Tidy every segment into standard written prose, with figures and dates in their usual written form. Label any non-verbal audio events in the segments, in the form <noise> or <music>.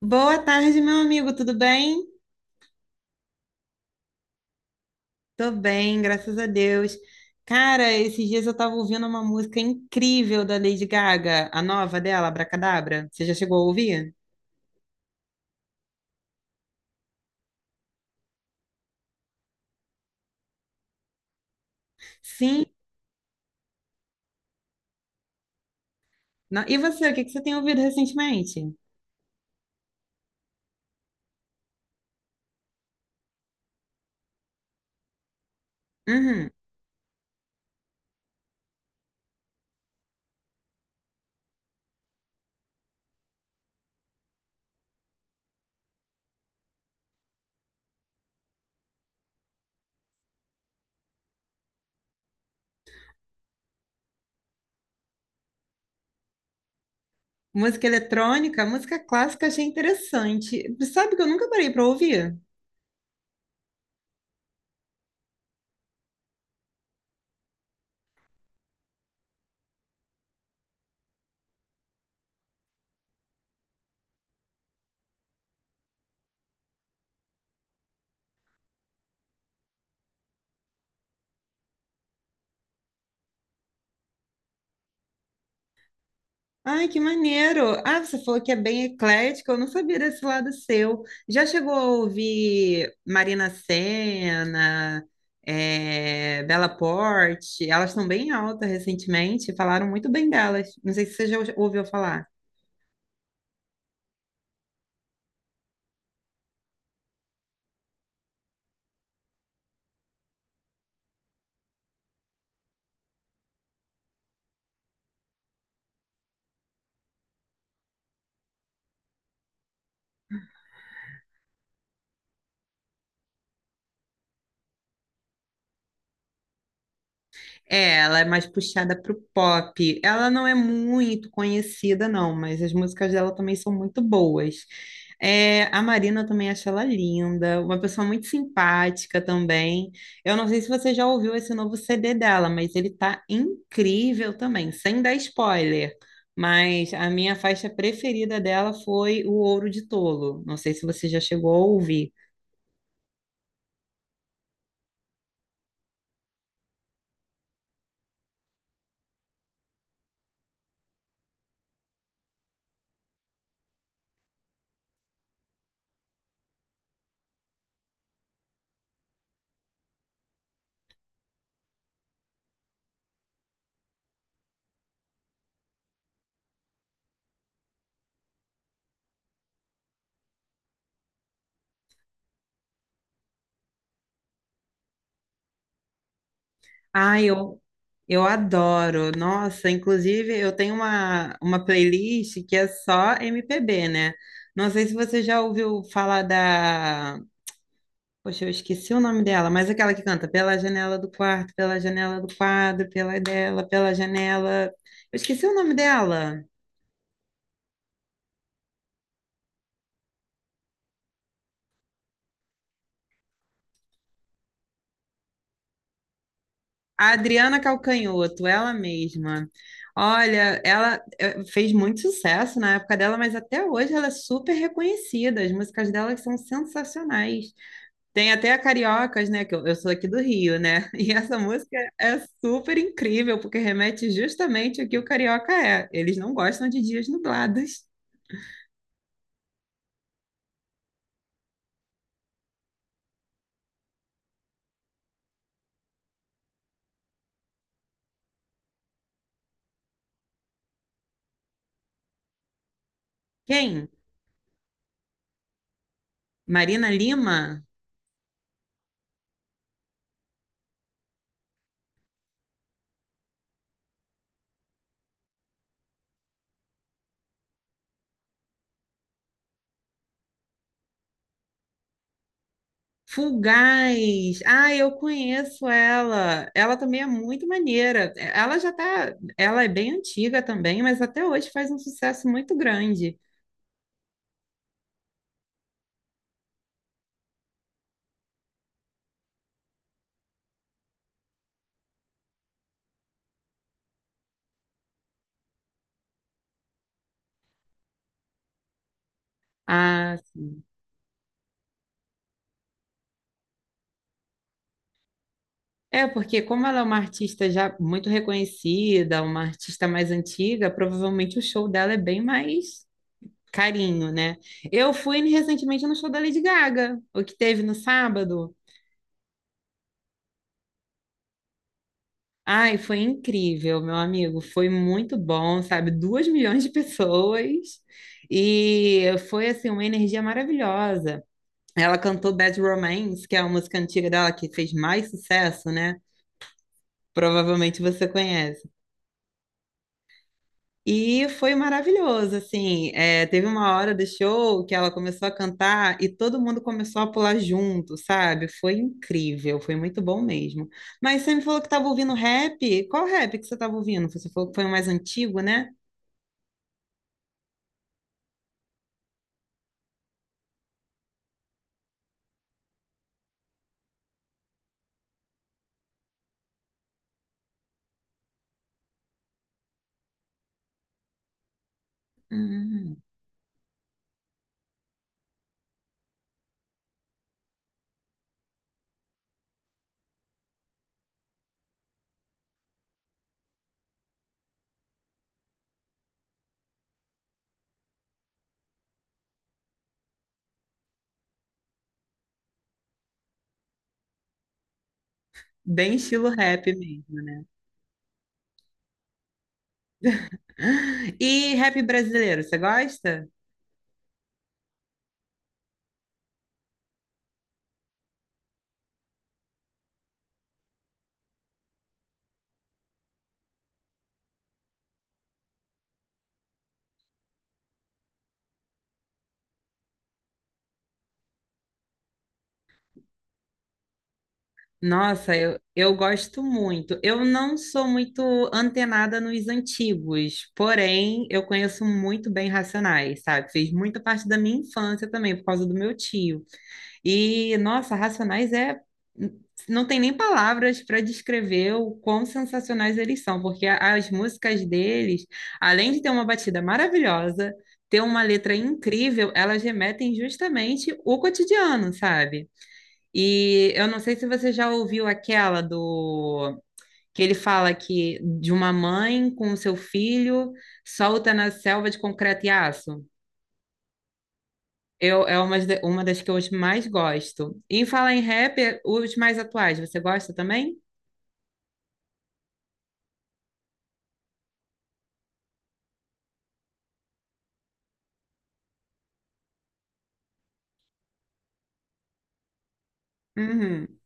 Boa tarde, meu amigo, tudo bem? Tô bem, graças a Deus. Cara, esses dias eu tava ouvindo uma música incrível da Lady Gaga, a nova dela, Abracadabra. Você já chegou a ouvir? Sim. E você, o que que você tem ouvido recentemente? Uhum. Música eletrônica, música clássica, achei interessante. Sabe que eu nunca parei pra ouvir? Ai, que maneiro! Ah, você falou que é bem eclético, eu não sabia desse lado seu. Já chegou a ouvir Marina Sena, Bela Porte? Elas estão bem alta recentemente, falaram muito bem delas. Não sei se você já ouviu falar. É, ela é mais puxada pro pop. Ela não é muito conhecida, não, mas as músicas dela também são muito boas. É, a Marina eu também acho ela linda, uma pessoa muito simpática também. Eu não sei se você já ouviu esse novo CD dela, mas ele tá incrível também, sem dar spoiler. Mas a minha faixa preferida dela foi O Ouro de Tolo. Não sei se você já chegou a ouvir. Ah, eu adoro. Nossa, inclusive eu tenho uma playlist que é só MPB, né? Não sei se você já ouviu falar da. Poxa, eu esqueci o nome dela, mas aquela que canta Pela janela do quarto, pela janela do quadro, pela dela, pela janela. Eu esqueci o nome dela. A Adriana Calcanhoto, ela mesma. Olha, ela fez muito sucesso na época dela, mas até hoje ela é super reconhecida. As músicas dela são sensacionais. Tem até a Cariocas, né? Que eu sou aqui do Rio, né? <laughs> E essa música é super incrível, porque remete justamente ao que o carioca é. Eles não gostam de dias nublados. Quem? Marina Lima? Fulgaz! Ah, eu conheço ela. Ela também é muito maneira. Ela já tá. Ela é bem antiga também, mas até hoje faz um sucesso muito grande. Ah, é, porque como ela é uma artista já muito reconhecida, uma artista mais antiga, provavelmente o show dela é bem mais carinho, né? Eu fui recentemente no show da Lady Gaga, o que teve no sábado. Ai, foi incrível, meu amigo. Foi muito bom, sabe? 2 milhões de pessoas. E foi, assim, uma energia maravilhosa. Ela cantou Bad Romance, que é a música antiga dela que fez mais sucesso, né? Provavelmente você conhece. E foi maravilhoso, assim, é, teve uma hora do show que ela começou a cantar e todo mundo começou a pular junto, sabe? Foi incrível, foi muito bom mesmo. Mas você me falou que estava ouvindo rap, qual rap que você estava ouvindo? Você falou que foi o mais antigo, né? Hum, bem estilo rap mesmo. E rap brasileiro, você gosta? Nossa, eu gosto muito. Eu não sou muito antenada nos antigos, porém eu conheço muito bem Racionais, sabe? Fez muita parte da minha infância também, por causa do meu tio. E, nossa, Racionais é. Não tem nem palavras para descrever o quão sensacionais eles são, porque as músicas deles, além de ter uma batida maravilhosa, ter uma letra incrível, elas remetem justamente o cotidiano, sabe? E eu não sei se você já ouviu aquela do que ele fala que de uma mãe com o seu filho solta na selva de concreto e aço. Eu, é uma das que eu mais gosto. E em falar em rap, os mais atuais, você gosta também? Uhum.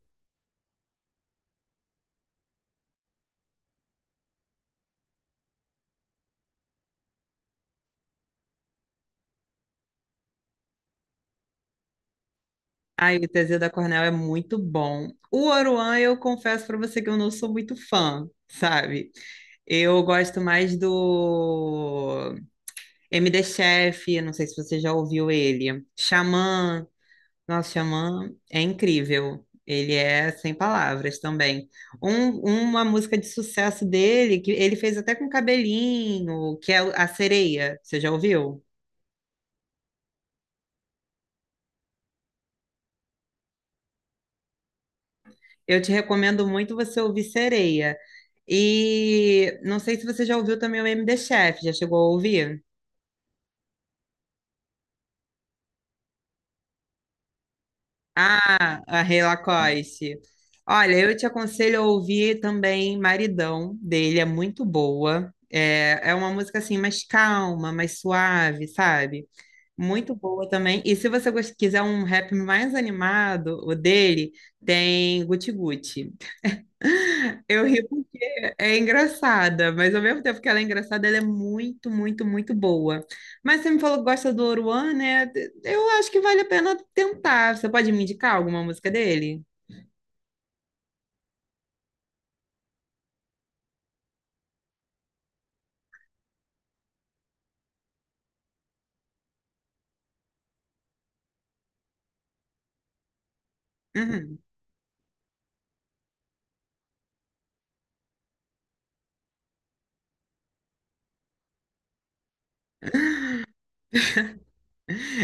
Ai, o Teseu da Cornel é muito bom. O Oruan, eu confesso para você que eu não sou muito fã, sabe? Eu gosto mais do MD Chef, não sei se você já ouviu ele. Xamã. Nosso xamã é incrível. Ele é sem palavras também. Uma música de sucesso dele, que ele fez até com cabelinho, que é A Sereia. Você já ouviu? Eu te recomendo muito você ouvir Sereia. E não sei se você já ouviu também o MD Chef. Já chegou a ouvir? Ah, a Rei Lacoste. Olha, eu te aconselho a ouvir também Maridão dele, é muito boa. É, é uma música assim mais calma, mais suave, sabe? Muito boa também. E se você quiser um rap mais animado, o dele, tem Guti Guti. <laughs> Eu ri porque é engraçada, mas ao mesmo tempo que ela é engraçada, ela é muito, muito, muito boa. Mas você me falou que gosta do Oruan, né? Eu acho que vale a pena tentar. Você pode me indicar alguma música dele? Mhm.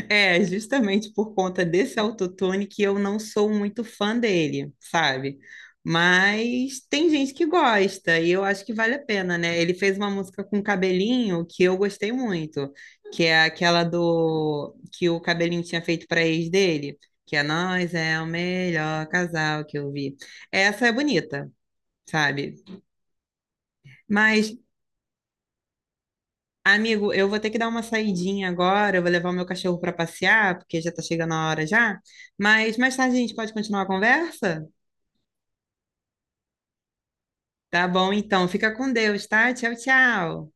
É, justamente por conta desse autotune que eu não sou muito fã dele, sabe? Mas tem gente que gosta e eu acho que vale a pena, né? Ele fez uma música com cabelinho que eu gostei muito, que é aquela do que o cabelinho tinha feito para ex dele, que é Nós é o melhor casal que eu vi. Essa é bonita, sabe? Mas amigo, eu vou ter que dar uma saidinha agora, eu vou levar o meu cachorro para passear, porque já tá chegando a hora já. Mas mais tarde a gente pode continuar a conversa? Tá bom, então. Fica com Deus, tá? Tchau, tchau.